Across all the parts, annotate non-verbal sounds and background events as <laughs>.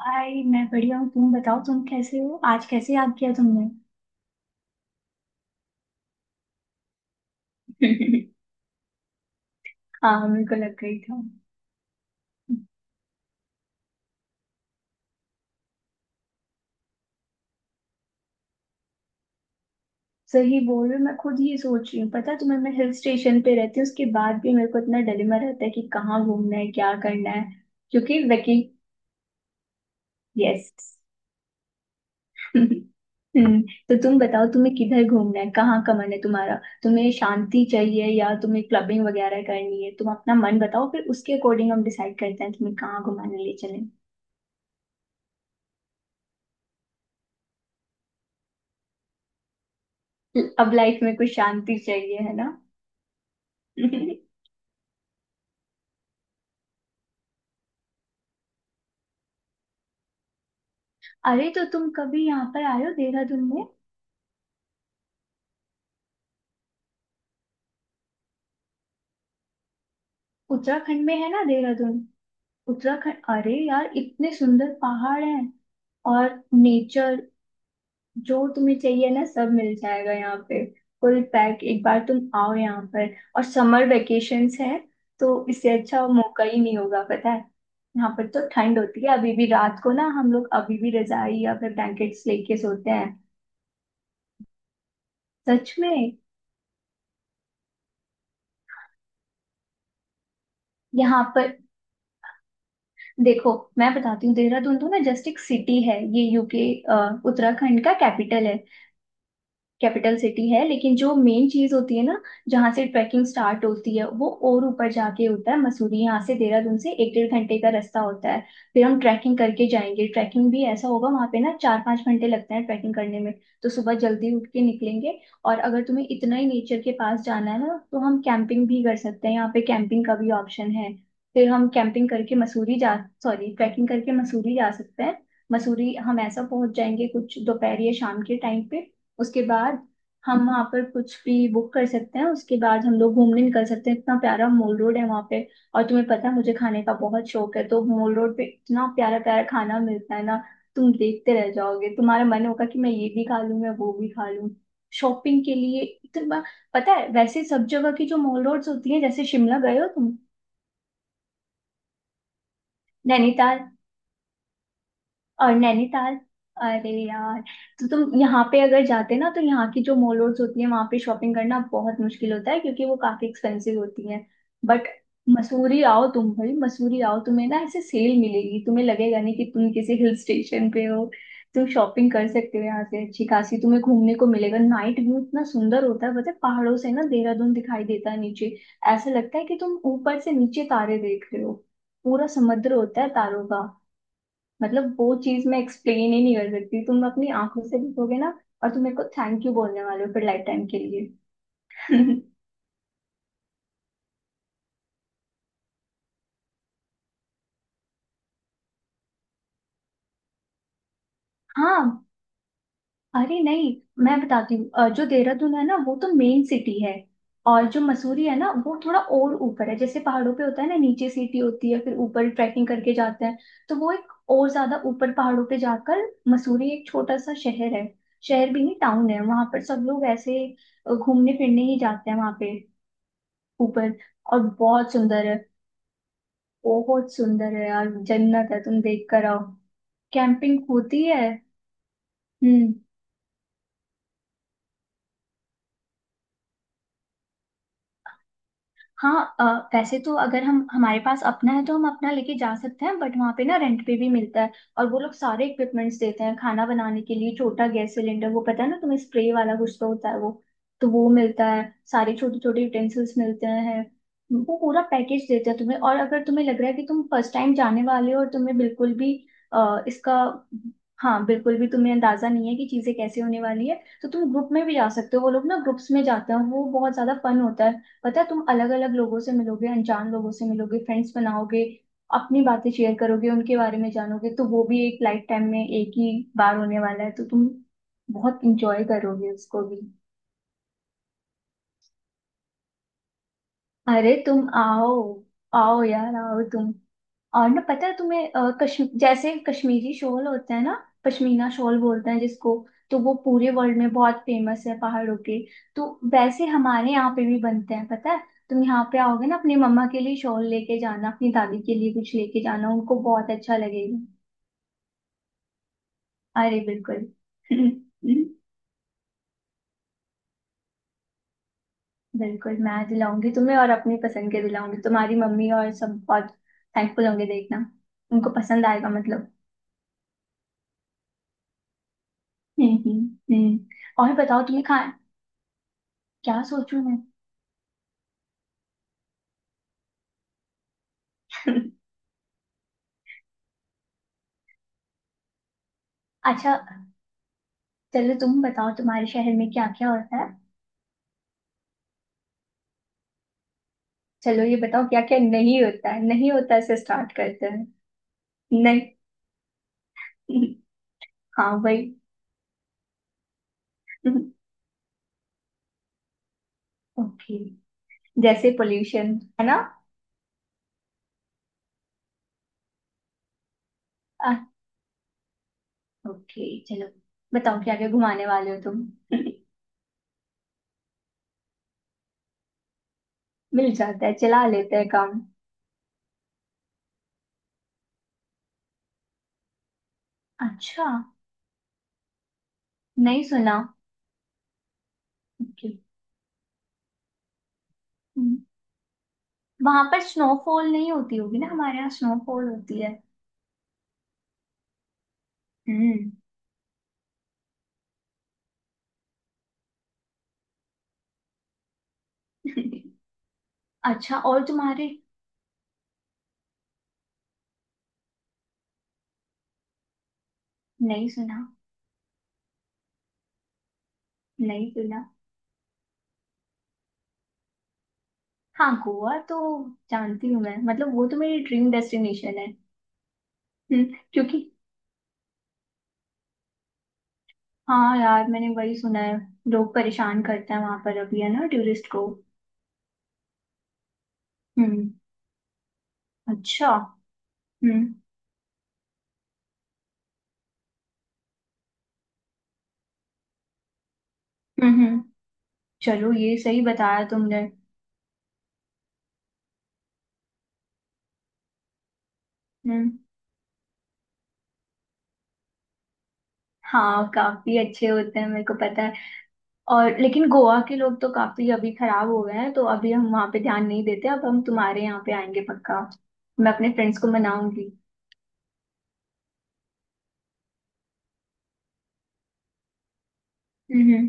हाय। मैं बढ़िया हूँ। तुम बताओ, तुम कैसे हो? आज कैसे याद किया तुमने? <laughs> हाँ, मेरे को लग गई था। सही बोल रहे हो, मैं खुद ही सोच रही हूँ। पता है तुम्हें, मैं हिल स्टेशन पे रहती हूँ, उसके बाद भी मेरे को इतना डिलेमा रहता है कि कहाँ घूमना है, क्या करना है। क्योंकि वेकी। यस। <laughs> हम्म तो तुम बताओ, तुम्हें किधर घूमना है, कहाँ का मन है तुम्हारा? तुम्हें शांति चाहिए या तुम्हें क्लबिंग वगैरह करनी है? तुम अपना मन बताओ फिर उसके अकॉर्डिंग हम डिसाइड करते हैं तुम्हें कहाँ घुमाने ले चले। अब लाइफ में कुछ शांति चाहिए है ना। <laughs> अरे तो तुम कभी यहाँ पर आयो, देहरादून में। उत्तराखंड में है ना देहरादून। उत्तराखंड, अरे यार इतने सुंदर पहाड़ हैं। और नेचर जो तुम्हें चाहिए ना, सब मिल जाएगा यहाँ पे। Full pack. एक बार तुम आओ यहाँ पर, और समर वेकेशंस है तो इससे अच्छा मौका ही नहीं होगा, पता है। यहाँ पर तो ठंड होती है, अभी भी रात को ना हम लोग अभी भी रजाई या फिर ब्लैंकेट्स लेके सोते हैं। सच में। यहाँ पर, देखो, मैं बताती हूँ। देहरादून तो ना जस्ट एक सिटी है, ये यूके, उत्तराखंड का कैपिटल है। कैपिटल सिटी है, लेकिन जो मेन चीज होती है ना, जहाँ से ट्रैकिंग स्टार्ट होती है, वो और ऊपर जाके होता है मसूरी। यहाँ से, देहरादून से, एक डेढ़ घंटे का रास्ता होता है। फिर हम ट्रैकिंग करके जाएंगे। ट्रैकिंग भी ऐसा होगा वहाँ पे ना, चार पाँच घंटे लगते हैं ट्रैकिंग करने में। तो सुबह जल्दी उठ के निकलेंगे। और अगर तुम्हें इतना ही नेचर के पास जाना है ना, तो हम कैंपिंग भी कर सकते हैं। यहाँ पे कैंपिंग का भी ऑप्शन है। फिर हम कैंपिंग करके मसूरी जा सॉरी ट्रैकिंग करके मसूरी जा सकते हैं। मसूरी हम ऐसा पहुंच जाएंगे, कुछ दोपहर या शाम के टाइम पे। उसके बाद हम वहाँ पर कुछ भी बुक कर सकते हैं। उसके बाद हम लोग घूमने निकल सकते हैं। इतना प्यारा मॉल रोड है वहाँ पे। और तुम्हें पता है, मुझे खाने का बहुत शौक है, तो मॉल रोड पे इतना प्यारा प्यारा खाना मिलता है ना, तुम देखते रह जाओगे। तुम्हारा मन होगा कि मैं ये भी खा लूँ, मैं वो भी खा लूँ। शॉपिंग के लिए इतना। पता है, वैसे सब जगह की जो मॉल रोड्स होती है, जैसे शिमला गए हो तुम? नैनीताल? और नैनीताल, अरे यार! तो तुम यहाँ पे अगर जाते ना, तो यहाँ की जो मॉल रोड्स होती है वहां पे शॉपिंग करना बहुत मुश्किल होता है क्योंकि वो काफी एक्सपेंसिव होती है। बट मसूरी आओ तुम, भाई, मसूरी आओ। तुम्हें ना ऐसे सेल मिलेगी, तुम्हें लगेगा नहीं कि तुम किसी हिल स्टेशन पे हो। तुम शॉपिंग कर सकते हो यहाँ से अच्छी खासी। तुम्हें घूमने को मिलेगा। नाइट व्यू इतना सुंदर होता है, पता है, पहाड़ों से ना देहरादून दिखाई देता है नीचे। ऐसा लगता है कि तुम ऊपर से नीचे तारे देख रहे हो। पूरा समुद्र होता है तारों का। मतलब वो चीज मैं एक्सप्लेन ही नहीं कर सकती, तुम अपनी आंखों से देखोगे ना। और तुम मेरे को थैंक यू बोलने वाले हो फिर लाइफ टाइम के लिए। <laughs> हाँ। अरे नहीं, मैं बताती हूँ। जो देहरादून है ना, वो तो मेन सिटी है। और जो मसूरी है ना, वो थोड़ा और ऊपर है। जैसे पहाड़ों पे होता है ना, नीचे सिटी होती है, फिर ऊपर ट्रैकिंग करके जाते हैं। तो वो एक और ज्यादा ऊपर पहाड़ों पे जाकर, मसूरी एक छोटा सा शहर है। शहर भी नहीं, टाउन है। वहां पर सब लोग ऐसे घूमने फिरने ही जाते हैं वहां पे। ऊपर। और बहुत सुंदर है। बहुत सुंदर है यार, जन्नत है, तुम देख कर आओ। कैंपिंग होती है। हम्म। हाँ। अ, वैसे तो अगर हम हमारे पास अपना है तो हम अपना लेके जा सकते हैं। बट वहाँ पे ना रेंट पे भी मिलता है। और वो लोग सारे इक्विपमेंट्स देते हैं, खाना बनाने के लिए छोटा गैस सिलेंडर, वो पता है ना तुम्हें, स्प्रे वाला कुछ तो होता है वो। तो वो मिलता है, सारे छोटे छोटे यूटेंसिल्स मिलते हैं। वो पूरा पैकेज देते हैं तुम्हें। और अगर तुम्हें लग रहा है कि तुम फर्स्ट टाइम जाने वाले हो और तुम्हें बिल्कुल भी अ, इसका हाँ, बिल्कुल भी तुम्हें अंदाजा नहीं है कि चीजें कैसे होने वाली है, तो तुम ग्रुप में भी जा सकते हो। वो लोग ना ग्रुप्स में जाते हैं और वो बहुत ज्यादा फन होता है। पता है, तुम अलग अलग लोगों से मिलोगे, अनजान लोगों से मिलोगे, फ्रेंड्स बनाओगे, अपनी बातें शेयर करोगे, उनके बारे में जानोगे। तो वो भी एक लाइफ टाइम में एक ही बार होने वाला है, तो तुम बहुत इंजॉय करोगे उसको भी। अरे तुम आओ, आओ यार, आओ तुम। और ना पता है तुम्हें, अ, कश्म जैसे कश्मीरी शॉल होता है ना, पश्मीना शॉल बोलते हैं जिसको। तो वो पूरे वर्ल्ड में बहुत फेमस है, पहाड़ों के। तो वैसे हमारे यहाँ पे भी बनते हैं, पता है। तुम यहाँ पे आओगे ना, अपनी मम्मा के लिए शॉल लेके जाना, अपनी दादी के लिए कुछ लेके जाना, उनको बहुत अच्छा लगेगा। अरे बिल्कुल। <laughs> बिल्कुल मैं दिलाऊंगी तुम्हें, और अपनी पसंद के दिलाऊंगी। तुम्हारी मम्मी और सब बहुत थैंकफुल होंगे, देखना। उनको पसंद आएगा, मतलब। <laughs> हम्म, हम्म, और बताओ तुम्हें खा क्या सोचूं मैं? <laughs> अच्छा, चलो तुम बताओ तुम्हारे शहर में क्या क्या होता है। चलो ये बताओ क्या क्या नहीं होता है, नहीं होता से स्टार्ट करते हैं। नहीं। <laughs> हाँ, वही। <laughs> ओके। जैसे पोल्यूशन है ना। आ, ओके, चलो। बताओ क्या क्या घुमाने वाले हो तुम। <laughs> मिल जाता है, चला लेते हैं काम। अच्छा। नहीं सुना। ओके। वहां पर स्नोफॉल नहीं होती होगी ना? हमारे यहाँ स्नोफॉल होती है। हम्म। <laughs> अच्छा। और तुम्हारे? नहीं सुना। नहीं सुना। हाँ, गोवा तो जानती हूँ मैं, मतलब वो तो मेरी ड्रीम डेस्टिनेशन है। हम्म। क्योंकि, हाँ यार, मैंने वही सुना है, लोग परेशान करते हैं वहां पर अभी है ना टूरिस्ट को। हम्म। अच्छा। हम्म, हम्म, हम्म। चलो, ये सही बताया तुमने। हम्म। हाँ, काफी अच्छे होते हैं, मेरे को पता है। और लेकिन गोवा के लोग तो काफी अभी खराब हो गए हैं, तो अभी हम वहां पे ध्यान नहीं देते। अब हम तुम्हारे यहाँ पे आएंगे पक्का। मैं अपने फ्रेंड्स को मनाऊंगी। हम्म,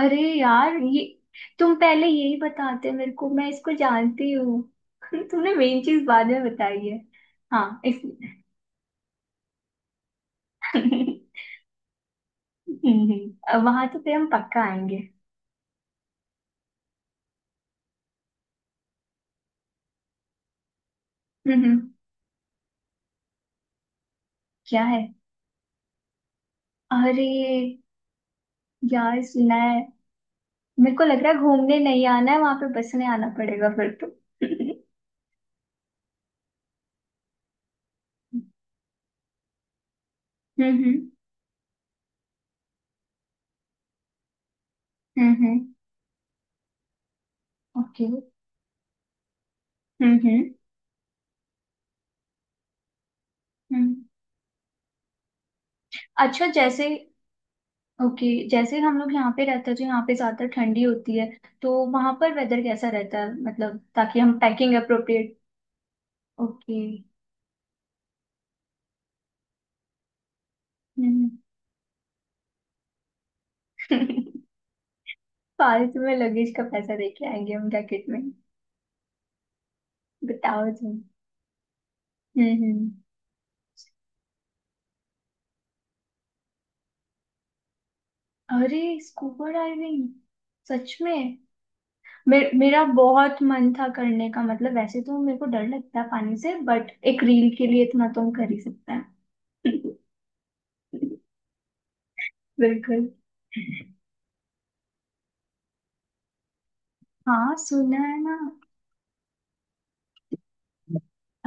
अरे यार, ये, तुम पहले यही बताते मेरे को, मैं इसको जानती हूँ। <laughs> तुमने मेन चीज बाद में बताई है। हाँ, इस, <laughs> वहां तो फिर हम पक्का आएंगे। हम्म, क्या है? अरे यार, सुना है। मेरे को लग रहा है घूमने नहीं आना है, वहां पे बसने आना पड़ेगा फिर तो। <laughs> हम्म, हम्म, हम्म। ओके। हम्म, okay। हम्म, हम्म। हम्म। अच्छा, जैसे, ओके, जैसे हम लोग यहाँ पे रहते हैं तो यहाँ पे ज्यादा ठंडी होती है, तो वहां पर वेदर कैसा रहता है? मतलब ताकि हम पैकिंग अप्रोप्रिएट। ओके। हम्म। <laughs> फालतू में लगेज का पैसा दे के आएंगे हम जैकेट में। बताओ तुम। हम्म, अरे! Scuba diving? सच में? मेरा बहुत मन था करने का, मतलब वैसे तो मेरे को डर लगता है पानी से, बट एक रील के लिए इतना तो हम कर ही सकते हैं। <laughs> बिल्कुल। हाँ, सुना है ना।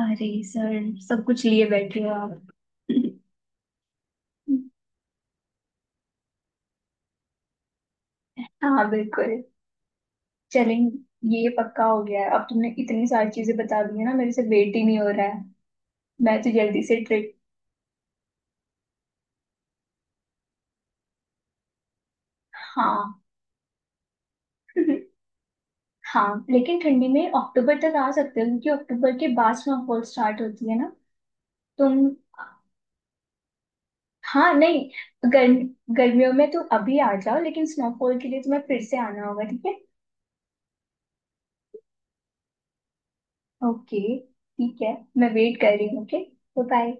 अरे सर, सब कुछ लिए बैठे हो आप। हाँ बिल्कुल। चलेंगे। ये पक्का हो गया है, अब तुमने इतनी सारी चीजें बता दी है ना, मेरे से वेट ही नहीं हो रहा है। मैं तो जल्दी से ट्रिप। हाँ। <laughs> हाँ, लेकिन ठंडी में अक्टूबर तक आ सकते हो क्योंकि अक्टूबर के बाद स्नोफॉल स्टार्ट होती है ना। तुम, हाँ नहीं, गर्म गर्मियों में तुम अभी आ जाओ, लेकिन स्नोफॉल के लिए तुम्हें फिर से आना होगा, ठीक है। ओके ठीक है, मैं वेट कर रही हूँ। ओके। बाय।